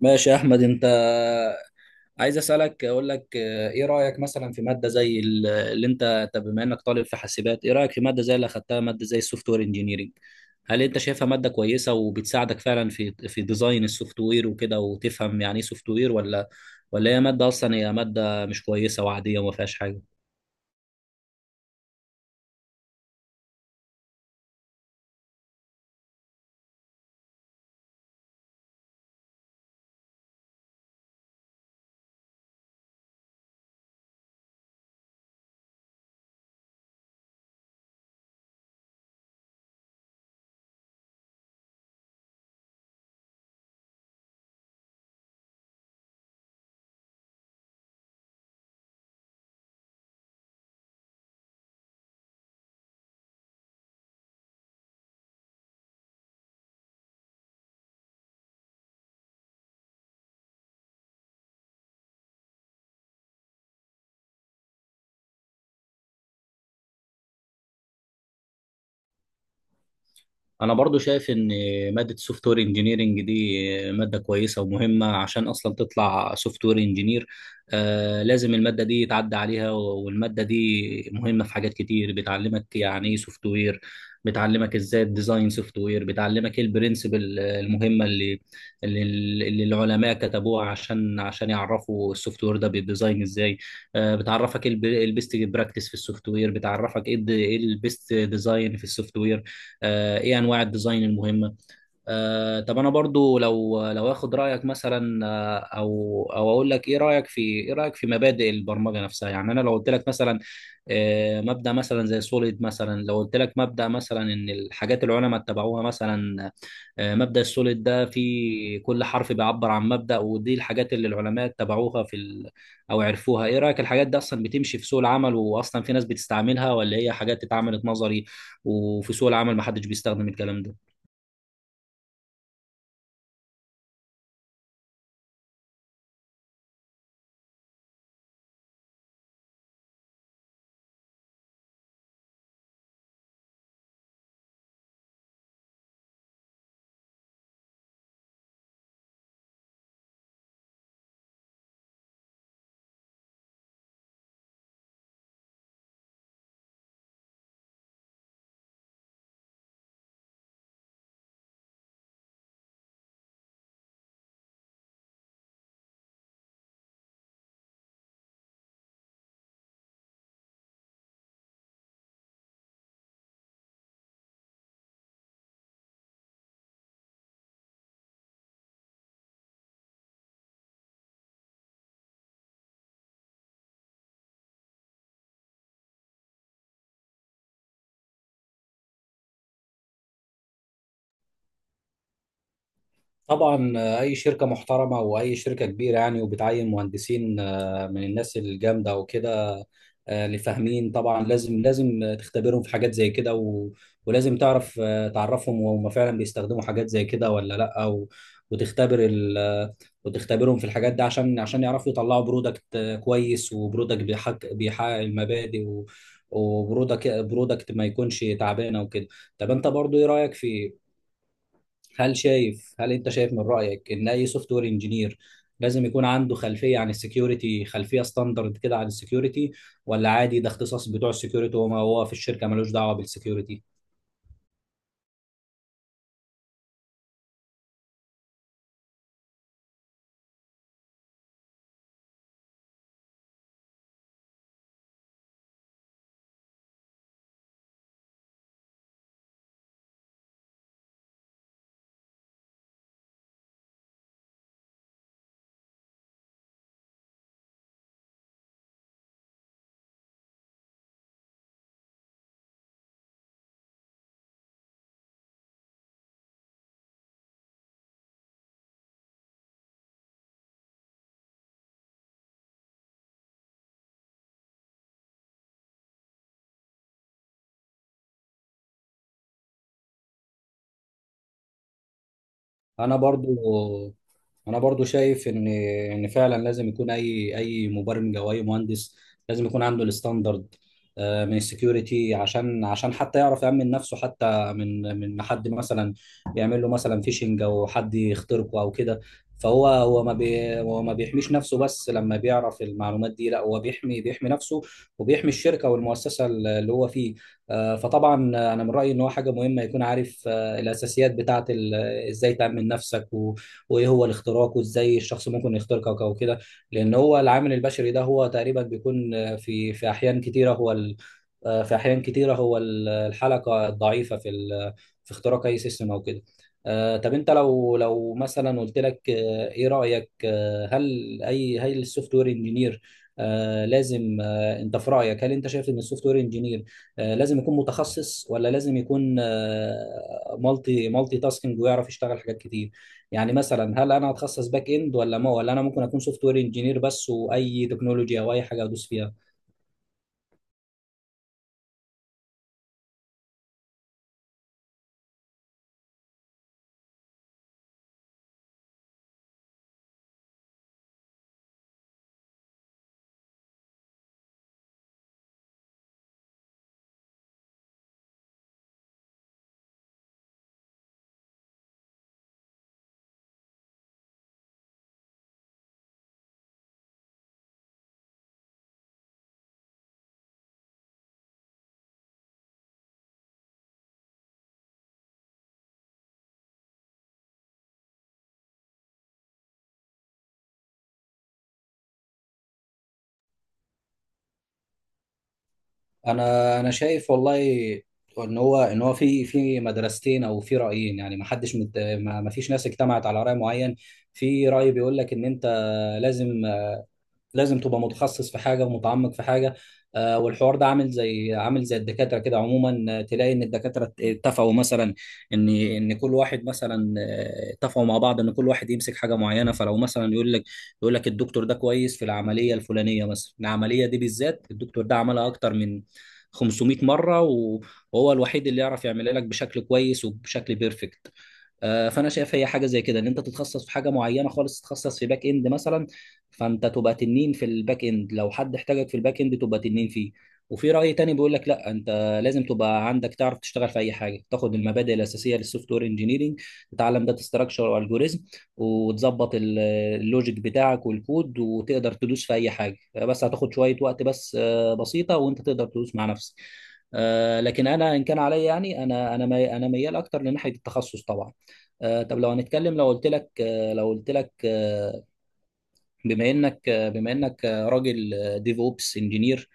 ماشي يا احمد. انت عايز اسالك، اقول لك ايه رايك مثلا في ماده زي ال- اللي انت طب بما انك طالب في حاسبات، ايه رايك في ماده زي اللي اخدتها، ماده زي السوفت وير انجينيرنج؟ هل انت شايفها ماده كويسه وبتساعدك فعلا في ديزاين السوفت وير وكده، وتفهم يعني ايه سوفت وير؟ ولا هي ماده اصلا، هي ماده مش كويسه وعاديه وما فيهاش حاجه؟ انا برضو شايف ان ماده سوفت وير انجينيرنج دي ماده كويسه ومهمه، عشان اصلا تطلع سوفت وير انجينير آه لازم الماده دي يتعدى عليها. والماده دي مهمه في حاجات كتير، بتعلمك يعني ايه سوفت وير، بتعلمك ازاي الديزاين سوفت وير، بتعلمك ايه البرنسبل المهمه اللي اللي العلماء كتبوها عشان يعرفوا السوفت وير ده بيديزاين ازاي. بتعرفك ايه البيست براكتس في السوفت وير، بتعرفك ايه البيست ديزاين في السوفت وير، ايه انواع الديزاين المهمه. طب انا برضو لو اخد رايك مثلا، آه، او او اقول لك ايه رايك في مبادئ البرمجه نفسها. يعني انا لو قلت لك مثلا، مبدا مثلا زي سوليد مثلا، لو قلت لك مبدا مثلا ان الحاجات العلماء اتبعوها مثلا، مبدأ السوليد ده في كل حرف بيعبر عن مبدأ، ودي الحاجات اللي العلماء اتبعوها في ال... او عرفوها. ايه رأيك، الحاجات دي اصلا بتمشي في سوق العمل واصلا في ناس بتستعملها، ولا هي حاجات اتعملت نظري وفي سوق العمل محدش بيستخدم الكلام ده؟ طبعا، اي شركه محترمه واي شركه كبيره يعني وبتعين مهندسين، من الناس الجامده وكده، اللي فاهمين، طبعا لازم تختبرهم في حاجات زي كده، ولازم تعرف، تعرفهم وهم فعلا بيستخدموا حاجات زي كده ولا لا، و... وتختبر ال... آه، وتختبرهم في الحاجات دي عشان يعرفوا يطلعوا برودكت كويس، وبرودكت بيحقق المبادئ، وبرودكت ما يكونش تعبانه وكده. طب انت برضو ايه رايك في، هل انت شايف من رأيك ان اي سوفت وير انجينير لازم يكون عنده خلفية عن السكيورتي، خلفية ستاندرد كده عن السكيورتي؟ ولا عادي ده اختصاص بتوع السكيورتي، وما هو في الشركة ملوش دعوة بالسكيورتي؟ انا برضو انا برضو شايف ان فعلا لازم يكون اي مبرمج او اي مهندس، لازم يكون عنده الستاندرد من السكيورتي، عشان حتى يعرف يأمن نفسه، حتى من حد مثلا يعمل له مثلا فيشنج، او حد يخترقه او كده. فهو هو ما بيحميش نفسه بس، لما بيعرف المعلومات دي لا هو بيحمي نفسه وبيحمي الشركة والمؤسسة اللي هو فيه. فطبعا انا من رأيي ان هو حاجة مهمة يكون عارف، الاساسيات بتاعة ال ازاي تأمن نفسك، وايه هو الاختراق، وازاي الشخص ممكن يخترقك او كده. لان هو العامل البشري ده هو تقريبا بيكون في احيان كتيره هو في احيان كتيره هو الحلقه الضعيفه في في اختراق اي سيستم او كده. طب انت لو مثلا قلت لك، ايه رايك، هل السوفت وير انجينير لازم، انت في رايك هل انت شايف ان السوفت وير انجينير لازم يكون متخصص، ولا لازم يكون مالتي تاسكينج ويعرف يشتغل حاجات كتير؟ يعني مثلا هل انا هتخصص باك اند، ولا ما ولا انا ممكن اكون سوفت وير انجينير بس واي تكنولوجيا او اي حاجه ادوس فيها؟ انا شايف والله ان هو في مدرستين او في رايين يعني، ما حدش مت... ما ما فيش ناس اجتمعت على راي معين. في راي بيقول لك ان انت لازم لازم تبقى متخصص في حاجه ومتعمق في حاجه. والحوار ده عامل زي، الدكاتره كده عموما، تلاقي ان الدكاتره اتفقوا مثلا ان كل واحد مثلا، اتفقوا مع بعض ان كل واحد يمسك حاجه معينه. فلو مثلا يقول لك الدكتور ده كويس في العمليه الفلانيه مثلا، العمليه دي بالذات الدكتور ده عملها اكتر من 500 مره وهو الوحيد اللي يعرف يعملها لك بشكل كويس وبشكل بيرفكت. فانا شايف هي حاجه زي كده، ان انت تتخصص في حاجه معينه خالص، تتخصص في باك اند مثلا، فانت تبقى تنين في الباك اند، لو حد احتاجك في الباك اند تبقى تنين فيه. وفي راي تاني بيقول لك لا، انت لازم تبقى عندك تعرف تشتغل في اي حاجه، تاخد المبادئ الاساسيه للسوفت وير انجينيرنج، تتعلم داتا ستراكشر والجوريزم، وتظبط اللوجيك بتاعك والكود، وتقدر تدوس في اي حاجه، بس هتاخد شويه وقت بس، بسيطه، وانت تقدر تدوس مع نفسك. لكن انا ان كان عليا يعني، انا ميال اكتر لناحيه التخصص طبعا. طب لو هنتكلم، لو قلت لك آه، لو قلت لك آه، بما انك آه، بما انك راجل ديف اوبس انجينير،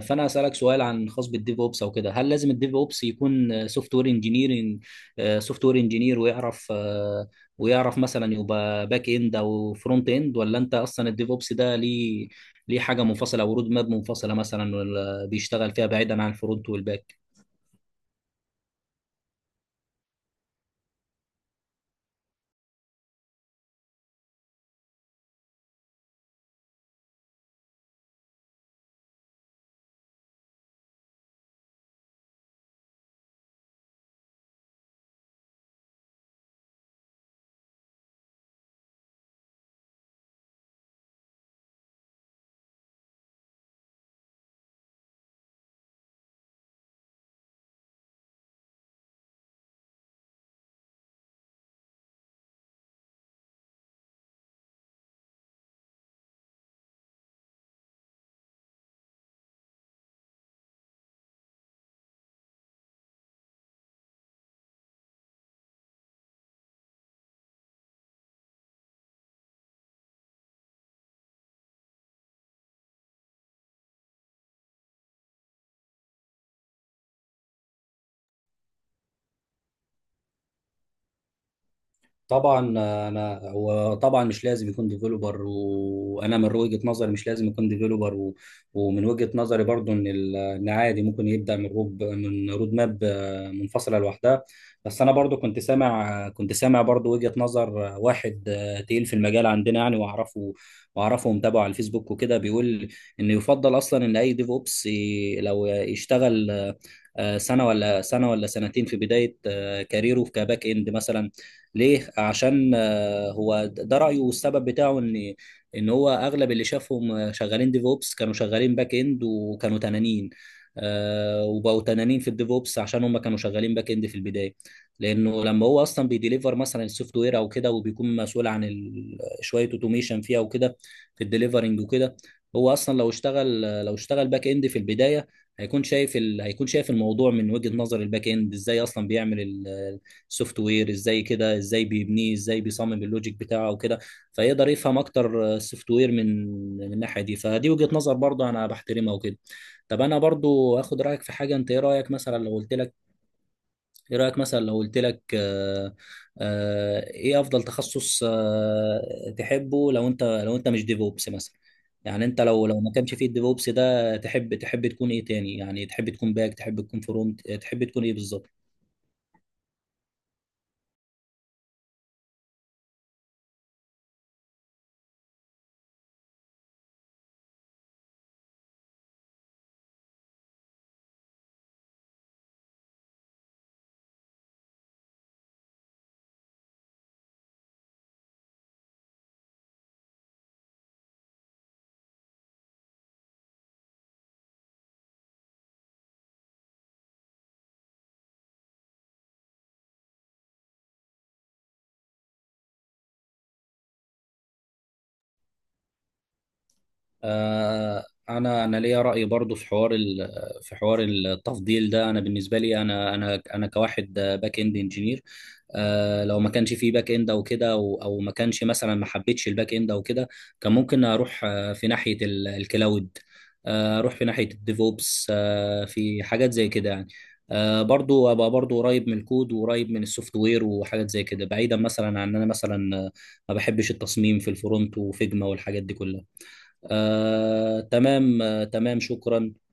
فانا اسالك سؤال خاص بالديف اوبس او كده. هل لازم الديف اوبس يكون سوفت وير سوفت وير انجينير ويعرف، ويعرف مثلا يبقى باك اند او فرونت اند؟ ولا انت اصلا الديف اوبس ده ليه، ليه حاجه منفصله او رود ماب منفصله مثلا، ولا بيشتغل فيها بعيدا عن الفرونت والباك؟ طبعا انا، هو طبعا مش لازم يكون ديفلوبر. وانا من وجهة نظري مش لازم يكون ديفلوبر، ومن وجهة نظري برضو ان ان عادي ممكن يبدا من روب من رود ماب منفصله لوحدها. بس انا برضو كنت سامع برضو وجهة نظر واحد تقيل في المجال عندنا يعني، واعرفه ومتابعه على الفيسبوك وكده، بيقول ان يفضل اصلا ان اي ديف اوبس لو يشتغل سنه ولا سنه ولا سنتين في بدايه كاريره كباك اند مثلا. ليه؟ عشان هو ده رأيه، والسبب بتاعه ان هو اغلب اللي شافهم شغالين ديفوبس كانوا شغالين باك اند، وكانوا تنانين وبقوا تنانين في الديفوبس عشان هم كانوا شغالين باك اند في البداية. لانه لما هو اصلا بيديليفر مثلا السوفت وير او كده، وبيكون مسؤول عن شوية اوتوميشن فيها وكده في الديليفرنج وكده، هو اصلا لو اشتغل باك اند في البداية هيكون شايف هيكون شايف الموضوع من وجهة نظر الباك اند، ازاي اصلا بيعمل سوفت وير، ازاي كده ازاي بيبنيه، ازاي بيصمم اللوجيك بتاعه وكده، فيقدر يفهم اكتر السوفت وير من الناحيه دي. فدي وجهه نظر برضه انا بحترمها وكده. طب انا برضه اخد رايك في حاجه انت. ايه رايك مثلا لو قلت لك، ايه رايك مثلا لو قلت لك آه آه ايه افضل تخصص آه تحبه، لو انت مش ديفوبس مثلا؟ يعني انت لو ما كانش فيه الديفوبس ده، تحب تكون ايه تاني؟ يعني تحب تكون باك، تحب تكون فرونت، تحب تكون ايه بالظبط؟ آه، انا ليا راي برضو في حوار التفضيل ده. انا بالنسبه لي، انا كواحد باك اند انجينير، لو ما كانش في باك اند او كده، او ما كانش مثلا، ما حبيتش الباك اند او كده، كان ممكن اروح في ناحيه الكلاود، اروح في ناحيه الديفوبس، في حاجات زي كده يعني. برضو ابقى برضو قريب من الكود وقريب من السوفت وير وحاجات زي كده، بعيدا مثلا عن ان انا مثلا، ما بحبش التصميم في الفرونت وفيجما والحاجات دي كلها. تمام شكرا.